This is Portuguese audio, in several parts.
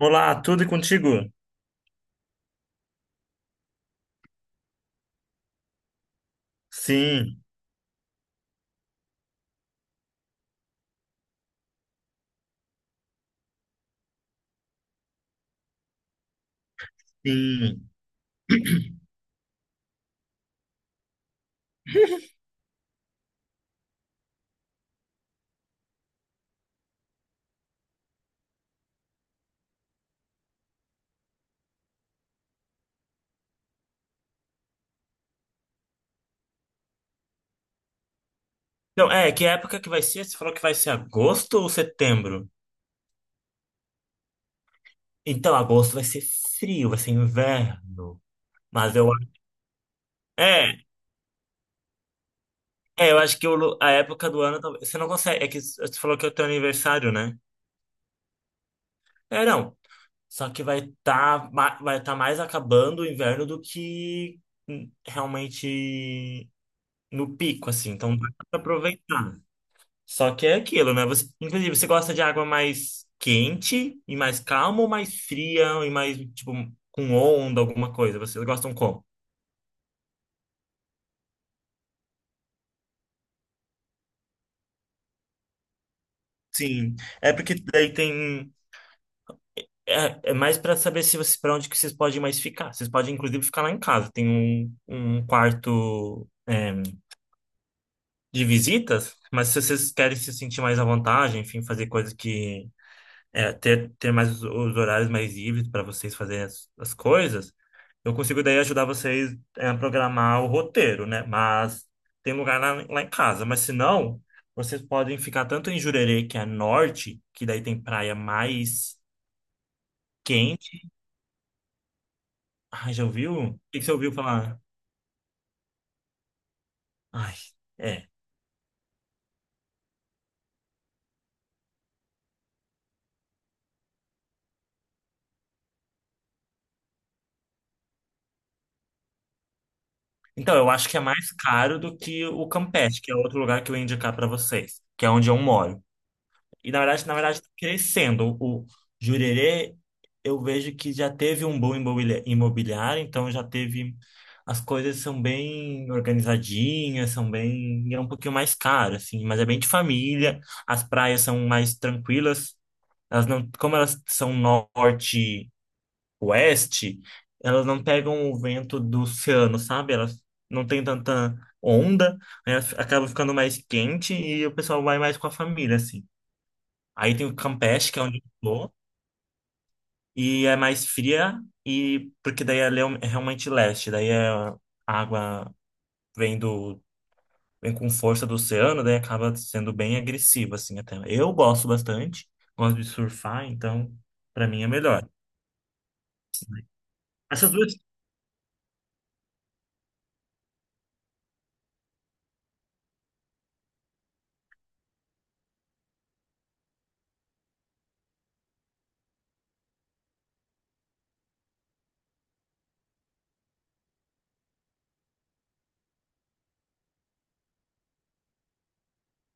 Olá, tudo e contigo? Sim, sim. Então, que época que vai ser? Você falou que vai ser agosto ou setembro? Então, agosto vai ser frio, vai ser inverno. Mas eu... É, eu acho que a época do ano. Você não consegue. É que você falou que é o teu aniversário, né? É, não. Só que vai tá mais acabando o inverno do que realmente no pico, assim. Então, dá pra aproveitar. Só que é aquilo, né? Você, inclusive, você gosta de água mais quente e mais calma, ou mais fria e mais, tipo, com onda, alguma coisa? Vocês gostam como? Sim, é porque daí tem. É mais para saber se vocês, para onde que vocês podem mais ficar. Vocês podem, inclusive, ficar lá em casa. Tem um quarto de visitas, mas se vocês querem se sentir mais à vontade, enfim, fazer coisas que ter, mais os horários mais livres para vocês fazerem as coisas, eu consigo daí ajudar vocês a programar o roteiro, né? Mas tem lugar lá em casa. Mas se não, vocês podem ficar tanto em Jurerê, que é norte, que daí tem praia mais quente. Ai, já ouviu? O que que você ouviu falar? Ai, é. Então, eu acho que é mais caro do que o Campeche, que é outro lugar que eu ia indicar para vocês, que é onde eu moro. E na verdade, tá crescendo. O Jurerê, eu vejo que já teve um boom imobiliário, então já teve. As coisas são bem organizadinhas, são bem. E é um pouquinho mais caro, assim, mas é bem de família. As praias são mais tranquilas. Elas não, como elas são norte-oeste, elas não pegam o vento do oceano, sabe? Elas não tem tanta onda, aí elas acabam ficando mais quente e o pessoal vai mais com a família, assim. Aí tem o Campeche, que é onde estou, e é mais fria, e porque daí é realmente leste, a água vem do vem com força do oceano, daí acaba sendo bem agressiva assim, até. Eu gosto bastante, gosto de surfar, então para mim é melhor. Essas duas.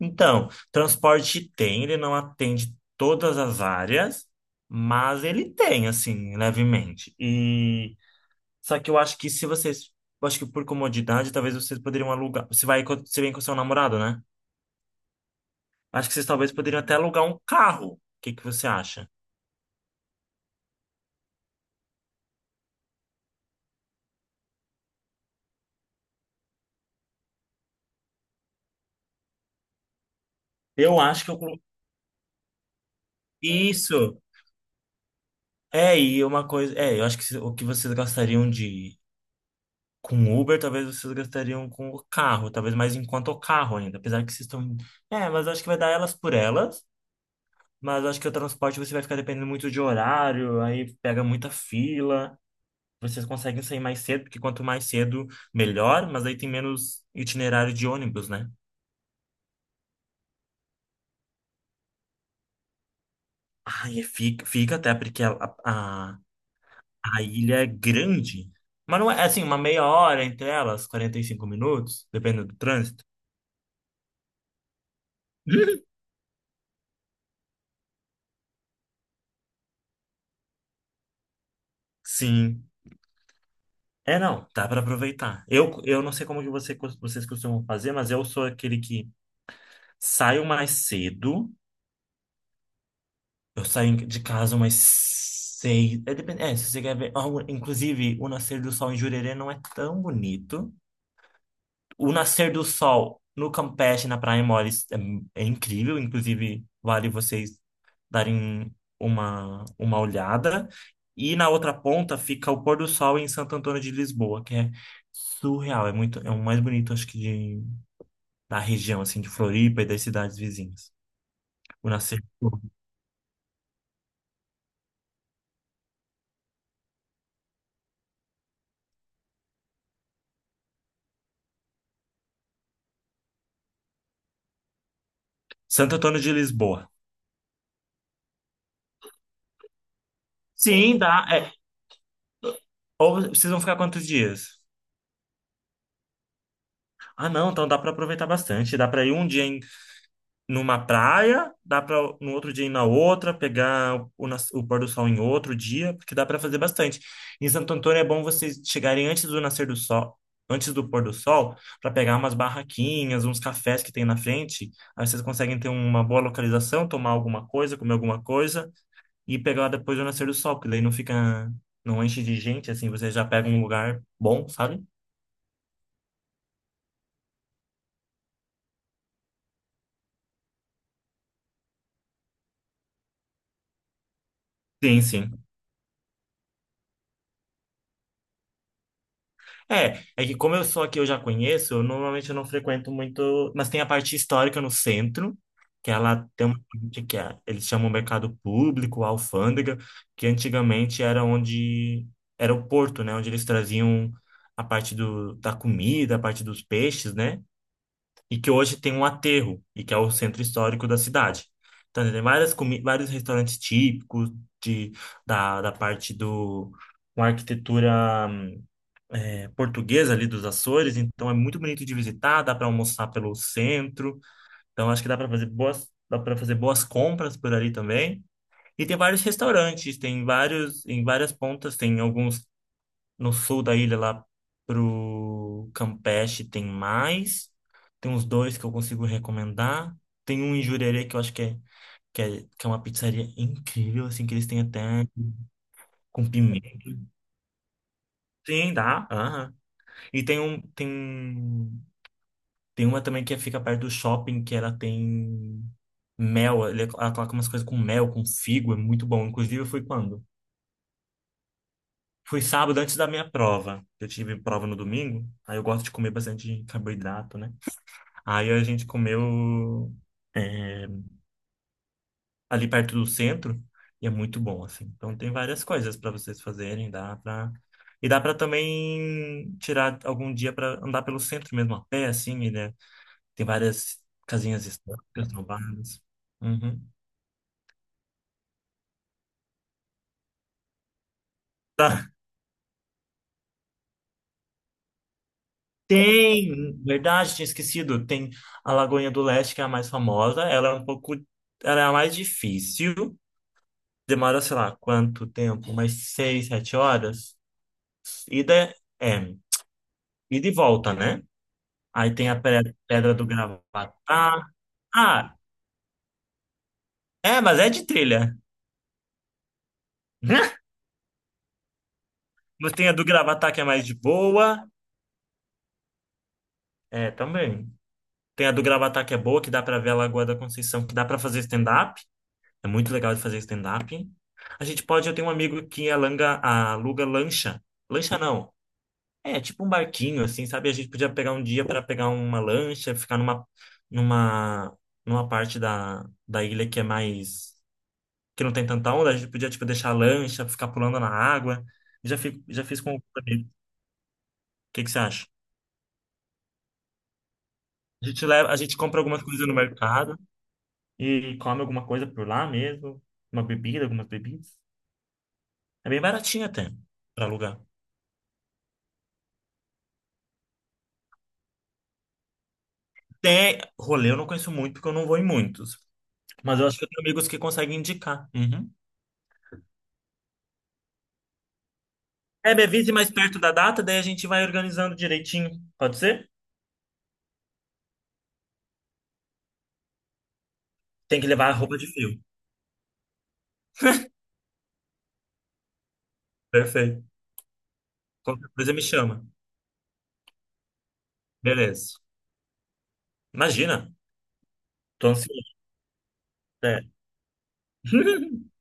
Então, transporte tem, ele não atende todas as áreas, mas ele tem, assim, levemente. E só que eu acho que se vocês, eu acho que por comodidade, talvez vocês poderiam alugar. Você vem com seu namorado, né? Acho que vocês talvez poderiam até alugar um carro. O que que você acha? Eu acho que eu colo- isso. E uma coisa, eu acho que o que vocês gastariam de com Uber, talvez vocês gastariam com o carro, talvez mais, enquanto o carro ainda, apesar que vocês estão, mas eu acho que vai dar elas por elas. Mas eu acho que o transporte você vai ficar dependendo muito de horário, aí pega muita fila. Vocês conseguem sair mais cedo, porque quanto mais cedo, melhor, mas aí tem menos itinerário de ônibus, né? Ah, e fica até porque a, a ilha é grande. Mas não é assim, uma meia hora entre elas, 45 minutos, dependendo do trânsito. Sim. É, não, dá para aproveitar. Eu não sei como que você, vocês costumam fazer, mas eu sou aquele que saio mais cedo. Eu saio de casa umas 6. É, depende, se você quer ver. Ah, inclusive, o nascer do sol em Jurerê não é tão bonito. O nascer do sol no Campeche, na Praia Mole, é incrível. Inclusive, vale vocês darem uma olhada. E na outra ponta fica o pôr do sol em Santo Antônio de Lisboa, que é surreal. É muito, é o mais bonito, acho que, da região, assim, de Floripa e das cidades vizinhas. O nascer do sol. Santo Antônio de Lisboa. Sim, dá. Ou vocês vão ficar quantos dias? Ah, não, então dá para aproveitar bastante. Dá para ir um dia numa praia, dá para no outro dia ir na outra, pegar o pôr do sol em outro dia, porque dá para fazer bastante. Em Santo Antônio é bom vocês chegarem antes do nascer do sol, antes do pôr do sol, para pegar umas barraquinhas, uns cafés que tem na frente. Aí vocês conseguem ter uma boa localização, tomar alguma coisa, comer alguma coisa e pegar depois do nascer do sol, porque daí não fica, não enche de gente, assim, vocês já pegam um lugar bom, sabe? Sim, sim. É que como eu sou aqui, eu já conheço, eu normalmente eu não frequento muito, mas tem a parte histórica no centro, que ela tem uma parte que é, eles chamam mercado público, alfândega, que antigamente era onde era o porto, né, onde eles traziam a parte da comida, a parte dos peixes, né? E que hoje tem um aterro, e que é o centro histórico da cidade. Então, tem várias comi vários restaurantes típicos de, da parte do com arquitetura portuguesa ali dos Açores, então é muito bonito de visitar, dá para almoçar pelo centro, então acho que dá para fazer boas compras por ali também. E tem vários restaurantes, tem vários em várias pontas, tem alguns no sul da ilha lá pro Campeche, tem mais, tem uns dois que eu consigo recomendar, tem um em Jurerê que eu acho que é que é uma pizzaria incrível, assim, que eles têm até com pimenta. Sim, dá. Aham. E tem um, tem Tem uma também que fica perto do shopping, que ela tem mel, ela coloca umas coisas com mel, com figo, é muito bom. Inclusive, eu fui quando? Fui sábado antes da minha prova. Eu tive prova no domingo, aí eu gosto de comer bastante carboidrato, né? Aí a gente comeu é, ali perto do centro e é muito bom, assim. Então tem várias coisas para vocês fazerem. E dá pra também tirar algum dia pra andar pelo centro mesmo, a pé, assim, né? Tem várias casinhas históricas roubadas. Uhum. Tá. Tem, verdade, tinha esquecido. Tem a Lagoinha do Leste, que é a mais famosa. Ela é a mais difícil. Demora, sei lá, quanto tempo? Umas 6, 7 horas. Ida, é, é, ida e volta, né? Aí tem a Pedra do Gravatá. Ah, é, mas é de trilha. Mas tem a do Gravatá que é mais de boa. É, também. Tem a do Gravatá que é boa, que dá pra ver a Lagoa da Conceição, que dá pra fazer stand-up. É muito legal de fazer stand-up. A gente pode, eu tenho um amigo que aluga lancha. Lancha não. É, tipo um barquinho, assim, sabe? A gente podia pegar um dia para pegar uma lancha, ficar numa, numa parte da ilha que é mais, que não tem tanta onda. A gente podia, tipo, deixar a lancha, ficar pulando na água. Já fiz com o amigo. O que que você acha? A gente leva, a gente compra algumas coisas no mercado e come alguma coisa por lá mesmo. Uma bebida, algumas bebidas. É bem baratinho até, para alugar. Tem rolê, eu não conheço muito, porque eu não vou em muitos. Mas eu acho que eu tenho amigos que conseguem indicar. Uhum. É, me avise mais perto da data, daí a gente vai organizando direitinho. Pode ser? Tem que levar a roupa de frio. Perfeito. Qualquer coisa me chama. Beleza. Imagina. Tô ansioso. É.